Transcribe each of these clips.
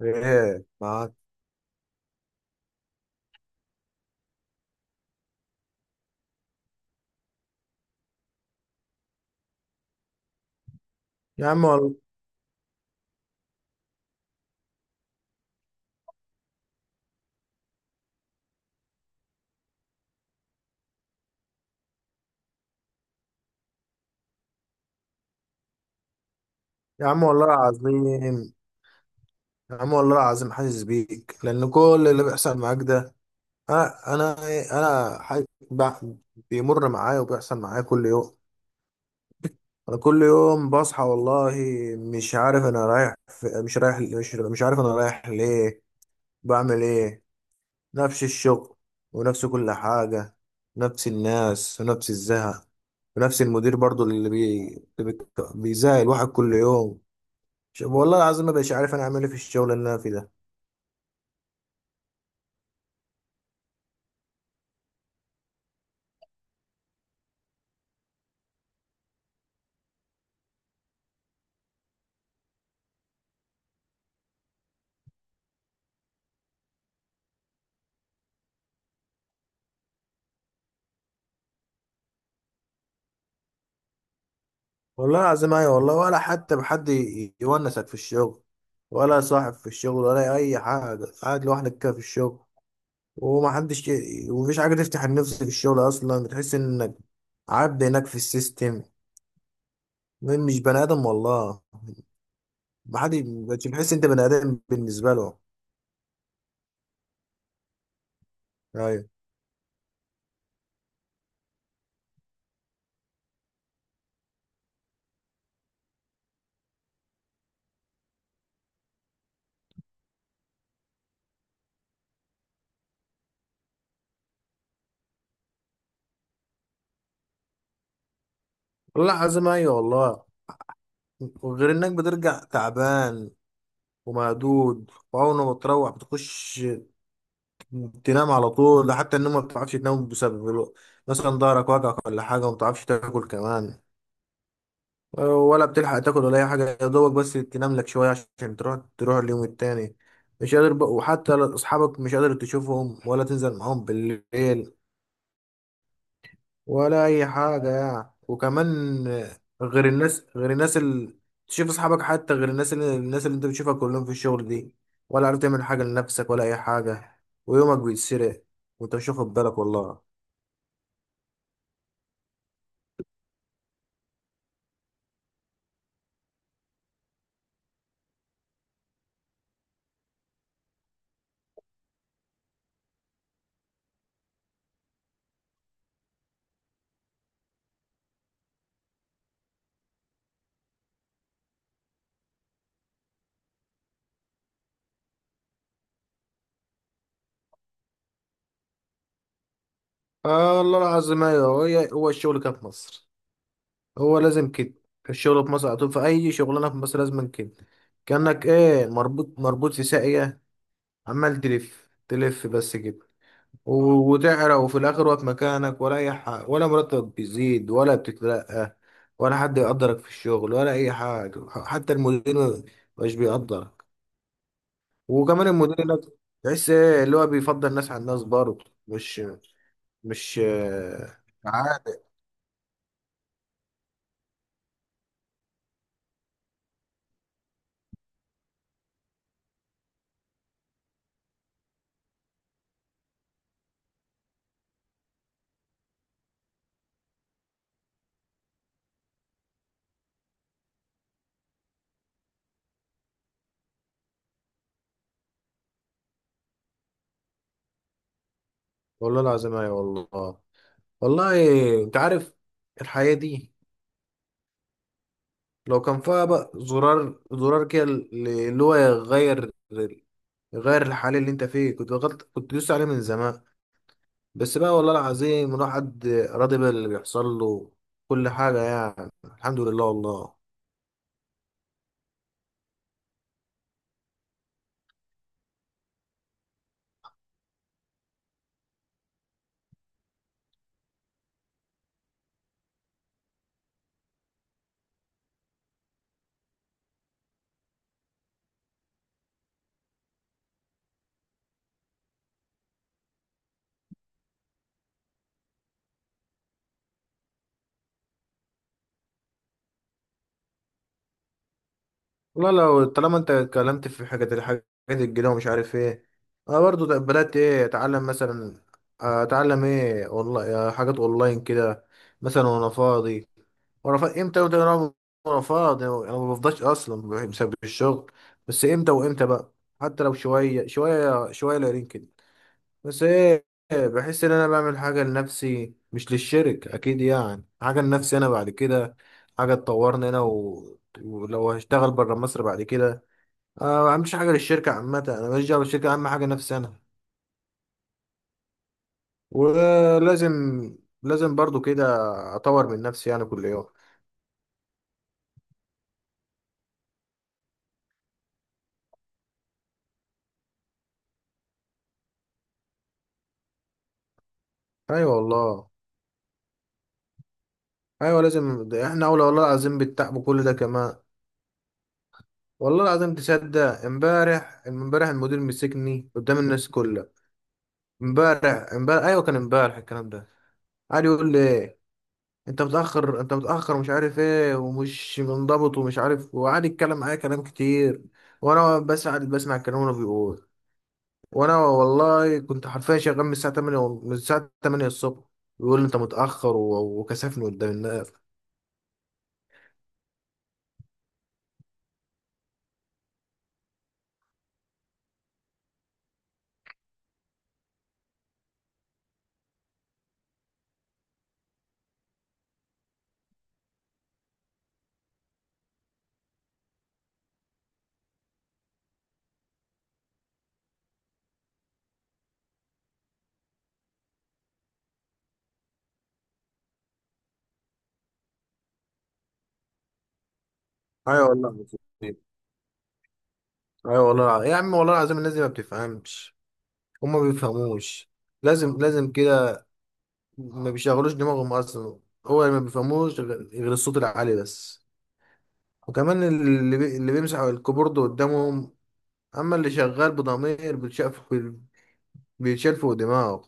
ايه معاك؟ يا عم والله، يا عم والله العظيم، يا عم والله العظيم حاسس بيك لان كل اللي بيحصل معاك ده، انا إيه، ب- بيمر معايا وبيحصل معايا كل يوم. انا كل يوم بصحى والله مش عارف انا رايح في... مش رايح، مش عارف انا رايح ليه، بعمل ايه. نفس الشغل ونفس كل حاجة، نفس الناس ونفس الزهق، ونفس المدير برضو اللي بي... بيزهق الواحد كل يوم. والله العظيم ما بقيتش عارف انا اعمل ايه في الشغل اللي انا فيه ده. والله العظيم ايوه والله، ولا حتى بحد يونسك في الشغل، ولا صاحب في الشغل ولا اي حاجه، قاعد لوحدك كده في الشغل، ومفيش حاجه تفتح النفس في الشغل، اصلا بتحس انك عبد هناك في السيستم، مش بني ادم والله. محد مبقتش بتحس انت بني ادم بالنسبه له. ايوه والله العظيم، ايوه والله، وغير انك بترجع تعبان ومهدود، وأول ما بتروح بتخش تنام على طول. ده حتى النوم ما بتعرفش تنام بسبب مثلا ضهرك وجعك ولا حاجة، وما بتعرفش تاكل كمان، ولا بتلحق تاكل ولا أي حاجة، يا دوبك بس تنام لك شوية عشان تروح اليوم التاني. مش قادر بق... وحتى ل- أصحابك مش قادر تشوفهم ولا تنزل معاهم بالليل ولا أي حاجة يعني. وكمان غير الناس اللي تشوف أصحابك، حتى غير الناس اللي أنت بتشوفها كلهم في الشغل دي، ولا عارف تعمل حاجة لنفسك ولا أي حاجة، ويومك بيتسرق وأنت مش واخد بالك والله. آه والله العظيم أيوه، هو هو الشغل كده في مصر، هو لازم كده. الشغل في مصر على طول، في أي شغلانة في مصر لازم كده، كأنك إيه مربوط مربوط في ساقية، عمال تلف تلف بس كده. وتعرق، وفي الآخر واقف مكانك، ولا أي حاجة، ولا مرتب بيزيد ولا بتترقى، ولا حد يقدرك في الشغل ولا أي حاجة، حتى المدير مش بيقدرك. وكمان المدير هناك تحس إيه اللي هو بيفضل الناس على الناس، برضه مش. آه، والله العظيم ايوه والله. والله انت عارف الحياة دي لو كان فيها بقى زرار كده اللي هو يغير، الحال اللي انت فيه، كنت غلط، كنت دوست عليه من زمان. بس بقى والله العظيم الواحد راضي باللي بيحصل له، كل حاجة يعني، الحمد لله والله. والله لو طالما انت اتكلمت في حاجة، الحاجات الجديدة ومش عارف ايه، انا برضو بدأت ايه اتعلم، مثلا اتعلم ايه، والله حاجات اونلاين كده مثلا وانا فاضي ورفض امتى وامتى، انا رفض يعني انا ما بفضاش اصلا بسبب الشغل، بس امتى وامتى بقى، حتى لو شويه شويه شويه قليلين كده. بس ايه، بحس ان انا بعمل حاجه لنفسي مش للشركه، اكيد يعني حاجه لنفسي انا بعد كده، حاجه تطورني ولو هشتغل بره مصر بعد كده. أنا ما بعملش حاجه للشركه عامه، انا ماليش دعوه بالشركه، اهم حاجه نفسي انا. ولازم برضو كده اطور من نفسي يعني كل يوم. ايوه والله، ايوه لازم، ده احنا اولى والله العظيم بالتعب كل ده كمان. والله العظيم تصدق، امبارح المدير مسكني قدام الناس كلها، امبارح ايوه كان امبارح الكلام ده. قعد يقول لي انت متاخر، انت متاخر، مش عارف ايه، ومش منضبط ومش عارف، وقعد يتكلم معايا كلام كتير، وانا بس قاعد بسمع الكلام اللي بيقول. وانا والله كنت حرفيا شغال من الساعه 8، من الساعه 8 الصبح، بيقول لي انت متاخر وكسفني قدام الناس. ايوه والله، ايوه والله يا عم والله العظيم الناس دي ما بتفهمش، هما ما بيفهموش. لازم كده، ما بيشغلوش دماغهم اصلا. هو اللي ما بيفهموش غير الصوت العالي بس، وكمان اللي بيمسح الكيبورد قدامهم. اما اللي شغال بضمير بيتشاف، بيتشال فوق دماغه.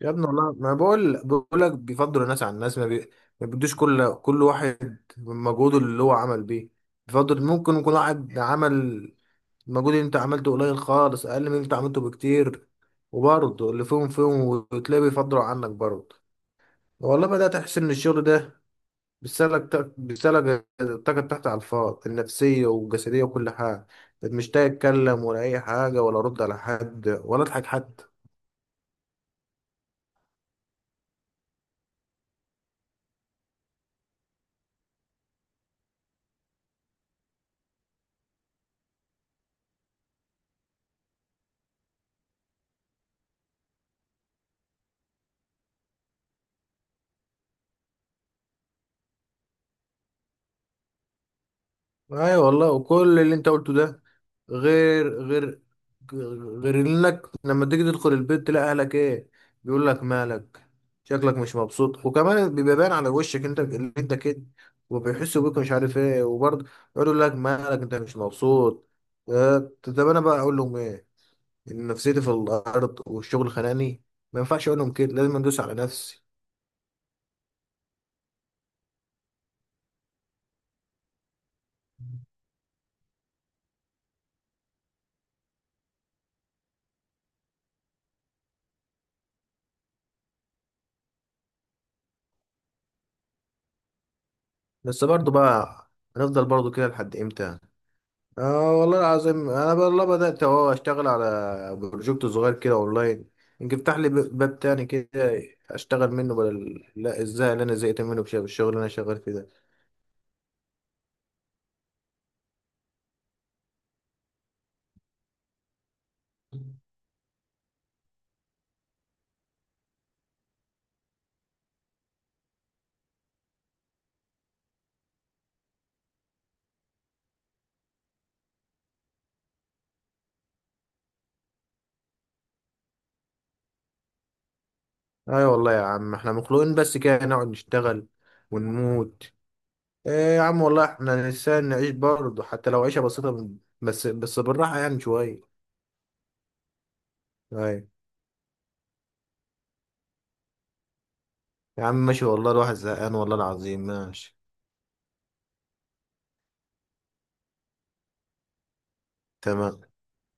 يا ابني والله ما بقول بقول لك بيفضلوا الناس على الناس، ما بيدوش كل واحد مجهوده اللي هو عمل بيه. بيفضل، ممكن يكون واحد عمل المجهود اللي انت عملته قليل خالص، اقل من اللي انت عملته بكتير، وبرضه اللي فيهم وتلاقيه بيفضلوا عنك برضه. والله بدأت احس ان الشغل ده بيسالك الطاقة تحت على الفاضي، النفسية والجسدية وكل حاجة، مش تتكلم ولا أي حاجة، ولا أرد على حد ولا أضحك حتى. ايوه والله، وكل اللي انت قلته ده، غير غير غير انك لما تيجي تدخل البيت تلاقي اهلك ايه؟ بيقول لك مالك؟ شكلك مش مبسوط، وكمان بيبقى باين على وشك انت اللي انت كده، وبيحسوا بيك مش عارف ايه، وبرضه يقولوا لك مالك، انت مش مبسوط. آه، طب انا بقى اقول لهم ايه؟ ان نفسيتي في الارض والشغل خانقني؟ ما ينفعش اقول لهم كده، لازم ادوس على نفسي. بس برضه بقى، هنفضل برضه كده لحد امتى؟ اه والله العظيم انا والله بدات اهو اشتغل على بروجكت صغير كده اونلاين، يمكن يفتح لي باب تاني كده اشتغل منه بدل لا الزهق اللي انا زهقت منه بسبب الشغل اللي انا شغال فيه ده. ايوه والله يا عم، احنا مخلوقين بس كده نقعد نشتغل ونموت؟ ايه يا عم والله، احنا نسان نعيش برضه حتى لو عيشه بسيطه، بس بالراحه يعني شويه. ايوه يا عم ماشي والله، الواحد زهقان والله العظيم، ماشي. تمام.